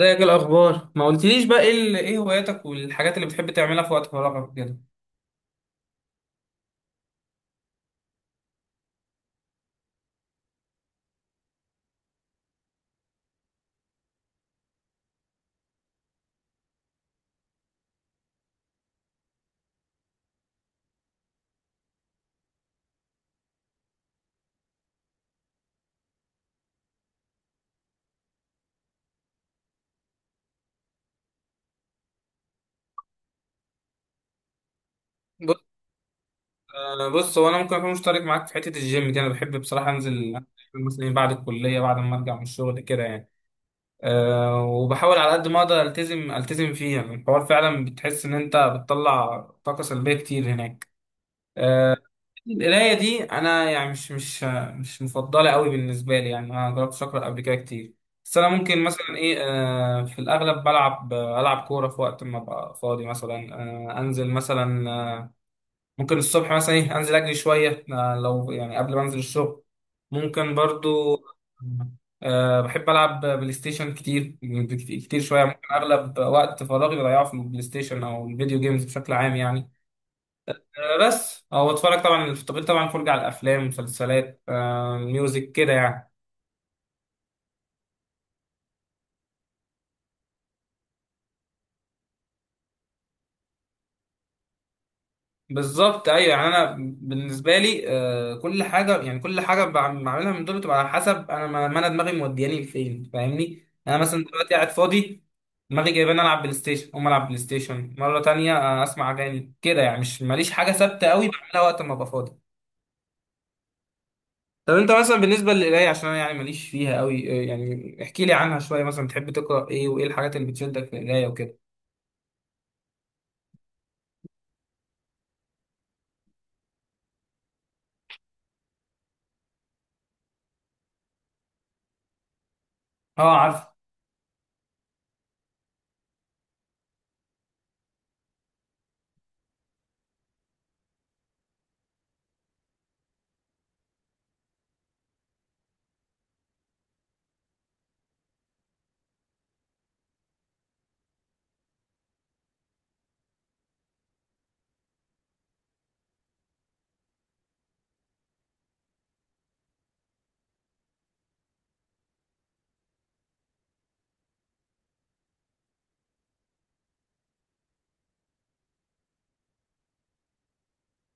ازيك؟ إيه الاخبار؟ ما قلتليش بقى ايه ايه هواياتك والحاجات اللي بتحب تعملها في وقت فراغك كده. بص، بص، هو انا ممكن اكون مشترك معاك في حته الجيم دي. انا بحب بصراحه انزل مثلا بعد الكليه، بعد ما ارجع من الشغل كده يعني. أه، وبحاول على قد ما اقدر التزم فيه. يعني الحوار فعلا بتحس ان انت بتطلع طاقه سلبيه كتير هناك. القراية دي أنا يعني مش مفضلة قوي بالنسبة لي. يعني أنا مجربتش أقرأ قبل كده كتير، بس أنا ممكن مثلا إيه، في الأغلب ألعب كورة في وقت ما أبقى فاضي مثلا. آه، أنزل مثلا آه، ممكن الصبح مثلا إيه، أنزل أجري شوية، لو يعني قبل ما أنزل الشغل، ممكن برضو. بحب ألعب بلاي ستيشن كتير، كتير شوية. ممكن أغلب وقت فراغي بضيعه في البلاي ستيشن أو الفيديو جيمز بشكل عام يعني. بس او اتفرج طبعا، التقييم طبعا، فرجة على الافلام، مسلسلات، ميوزك كده يعني. بالظبط، ايوه. يعني انا بالنسبه لي كل حاجه، يعني كل حاجه بعملها من دول بتبقى على حسب انا ما انا دماغي مودياني لفين، فاهمني؟ يعني انا مثلا دلوقتي قاعد فاضي، دماغي جايباني العب بلاي ستيشن، اقوم العب بلاي ستيشن مره تانية، اسمع اغاني كده يعني. مش ماليش حاجه ثابته قوي بعملها وقت ما ابقى فاضي. طب انت مثلا بالنسبه للقرايه، عشان انا يعني ماليش فيها قوي، يعني احكي لي عنها شويه. مثلا بتحب تقرا ايه، وايه الحاجات اللي بتشدك في القرايه وكده؟ اه، عارف.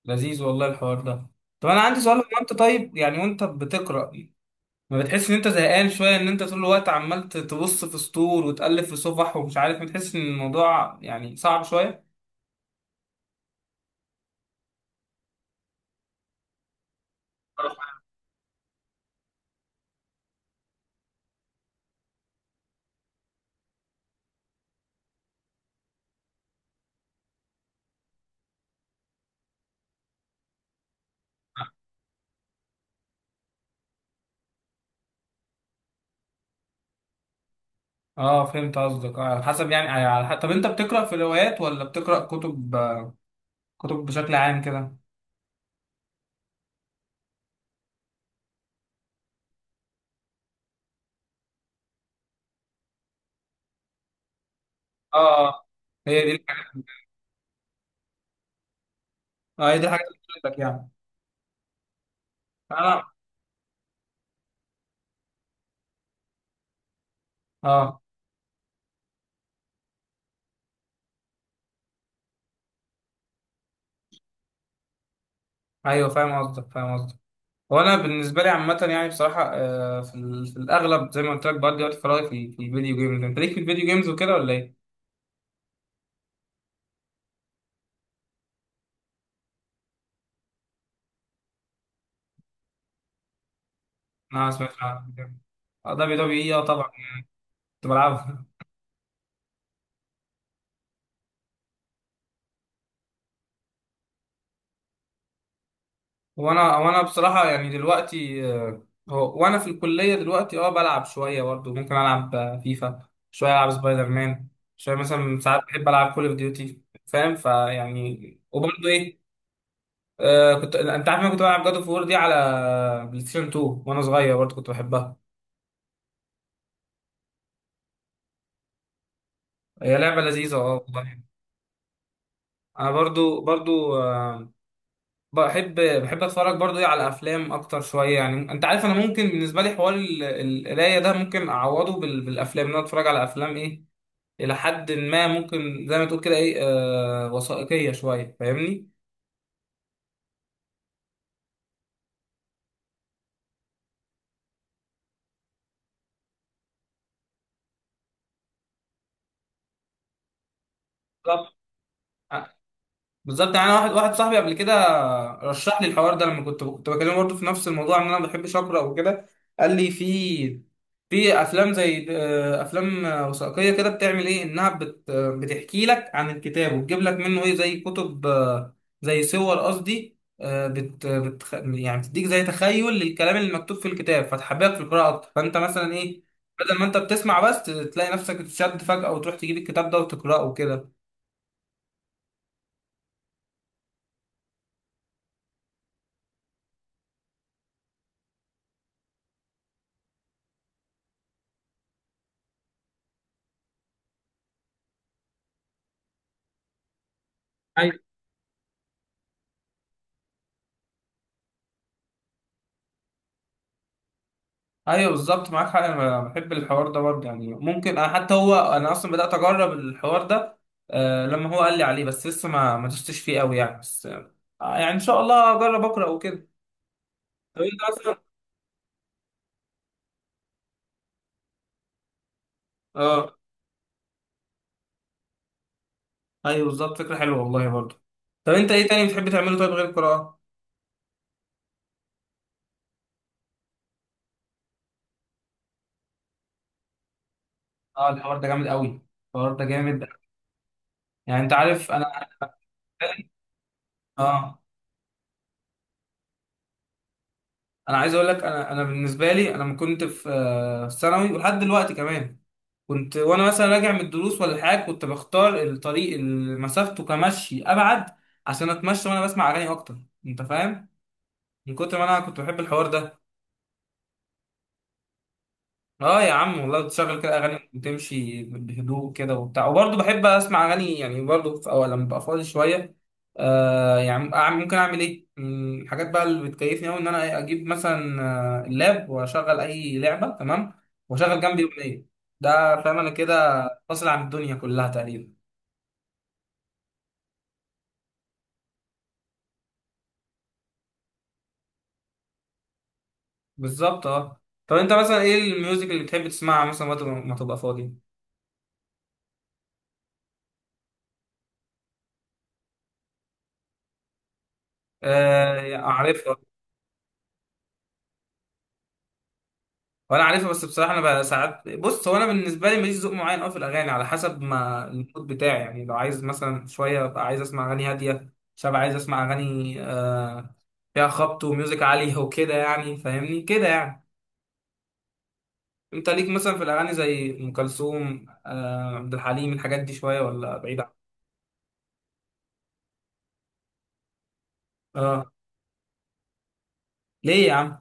لذيذ والله الحوار ده. طب انا عندي سؤال. هو انت طيب يعني وانت بتقرا، ما بتحس ان انت زهقان شويه، ان انت طول الوقت عمال تبص في سطور وتقلب في صفح ومش عارف، بتحس ان الموضوع يعني صعب شويه؟ اه، فهمت قصدك. اه، على حسب يعني، على حسب. طب انت بتقرا في روايات ولا بتقرا كتب، كتب بشكل عام كده؟ اه، آه. هي دي الحاجه. اه، هي دي الحاجه اللي بتفيدك يعني. انا، اه، ايوه فاهم قصدك، فاهم قصدك. وانا بالنسبه لي عامه يعني بصراحه، في الاغلب زي ما قلت لك، بقضي وقت فراغي في الفيديو جيمز. انت ليك في الفيديو جيمز وكده ولا ايه؟ انا ما سمعتش عنها. اه، دبليو دبليو اي، اه طبعا، كنت بلعبها. وانا بصراحه يعني دلوقتي، هو وانا في الكليه دلوقتي اه بلعب شويه برضه. ممكن العب فيفا شويه، العب سبايدر مان شويه، مثلا ساعات بحب العب كول اوف ديوتي فاهم؟ فيعني وبرضه ايه، آه، كنت انت عارف إن انا كنت بلعب جاد اوف وور دي على بلاي ستيشن 2 وانا صغير؟ برضه كنت بحبها. هي لعبة لذيذة اه والله. انا برضو بحب اتفرج برضو ايه على افلام اكتر شوية. يعني انت عارف انا ممكن بالنسبة لي حوار القراية ده ممكن اعوضه بالافلام، ان انا اتفرج على افلام ايه الى حد ما، ممكن زي ما تقول كده ايه، آه، وثائقية شوية، فاهمني؟ بالظبط، بالظبط. يعني انا واحد صاحبي قبل كده رشح لي الحوار ده. لما كنت بكلمه برضه في نفس الموضوع، ان انا ما بحبش اقرا وكده، قال لي في، في افلام زي افلام وثائقيه كده بتعمل ايه، انها بت آه، بتحكي لك عن الكتاب وتجيب لك منه ايه، زي كتب زي صور قصدي، آه، بت بت يعني بتديك زي تخيل للكلام اللي مكتوب في الكتاب، فتحببك في القراءه اكتر. فانت مثلا ايه، بدل ما انت بتسمع بس، تلاقي نفسك تشد فجاه وتروح تجيب الكتاب ده وتقراه وكده. ايوه بالظبط، معاك حق. انا بحب الحوار ده برضه يعني. ممكن انا، حتى هو انا اصلا بدات اجرب الحوار ده، آه، لما هو قال لي عليه، بس لسه ما دستش فيه قوي يعني. بس آه، يعني ان شاء الله اجرب اقرا وكده. طب انت اصلا، اه، ايوه بالظبط، فكره حلوه والله برضه. طب انت ايه تاني بتحب تعمله طيب غير القراءه؟ اه، الحوار ده جامد قوي، الحوار ده جامد. يعني انت عارف انا، اه، انا عايز اقول لك. انا، انا بالنسبه لي، انا لما كنت في في ثانوي ولحد دلوقتي كمان، كنت وانا مثلا راجع من الدروس ولا حاجه، كنت بختار الطريق اللي مسافته كمشي ابعد عشان اتمشى وانا بسمع اغاني اكتر. انت فاهم؟ من كتر ما انا كنت بحب الحوار ده. اه يا عم والله، بتشغل كده اغاني وتمشي بهدوء كده وبتاع. وبرضه بحب اسمع اغاني يعني برضه في اول لما ببقى فاضي شويه. آه يعني ممكن اعمل ايه من الحاجات بقى اللي بتكيفني قوي، ان انا إيه، اجيب مثلا اللاب واشغل اي لعبه، تمام، واشغل جنبي اغنيه. ده فاهم انا كده فاصل عن الدنيا كلها تقريبا. بالظبط اه. طب انت مثلا ايه الميوزك اللي بتحب تسمعها مثلا وقت ما تبقى فاضي؟ آه، عارفها. وانا عارفها. بس بصراحه انا بقى ساعات، بص، هو انا بالنسبه لي ماليش ذوق معين قوي في الاغاني، على حسب ما المود بتاعي يعني. لو عايز مثلا شويه ابقى عايز اسمع اغاني هاديه، شويه عايز اسمع اغاني آه فيها خبط وميوزك عالي وكده يعني، فاهمني كده يعني. انت ليك مثلا في الاغاني زي ام كلثوم، آه عبد الحليم، الحاجات دي شويه ولا بعيد اه. ليه يا عم؟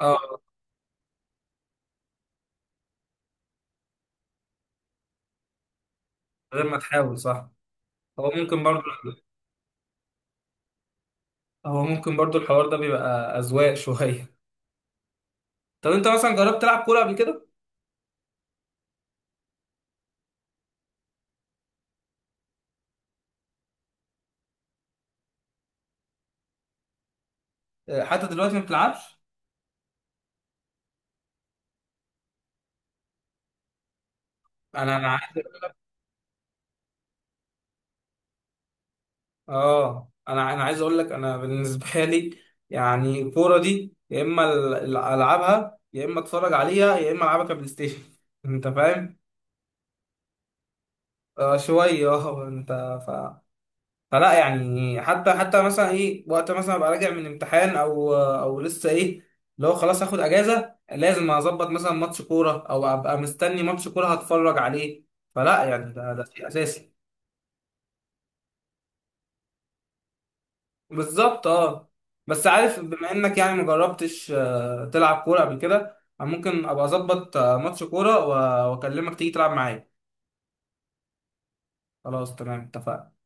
اه. غير ما تحاول، صح. هو ممكن برضه هو ممكن برضو الحوار ده بيبقى أذواق شوية. طب أنت مثلا جربت تلعب كورة قبل كده؟ آه، حتى دلوقتي ما بتلعبش؟ أنا أنا عاي- آه أنا عايز أقول لك. أنا بالنسبة لي يعني الكورة دي يا إما ألعبها، يا إما أتفرج عليها، يا إما ألعبها كبلاي ستيشن. أنت فاهم؟ آه شوية، أه. أنت، فلا يعني، حتى مثلا ايه وقت مثلا ابقى راجع من امتحان او لسه ايه، لو خلاص هاخد اجازه، لازم اظبط مثلا ماتش كوره او ابقى مستني ماتش كوره هتفرج عليه. فلا يعني ده شيء اساسي. بالظبط اه. بس عارف، بما انك يعني مجربتش تلعب كوره قبل كده، أنا ممكن ابقى اظبط ماتش كوره واكلمك تيجي تلعب معايا. خلاص تمام، اتفقنا.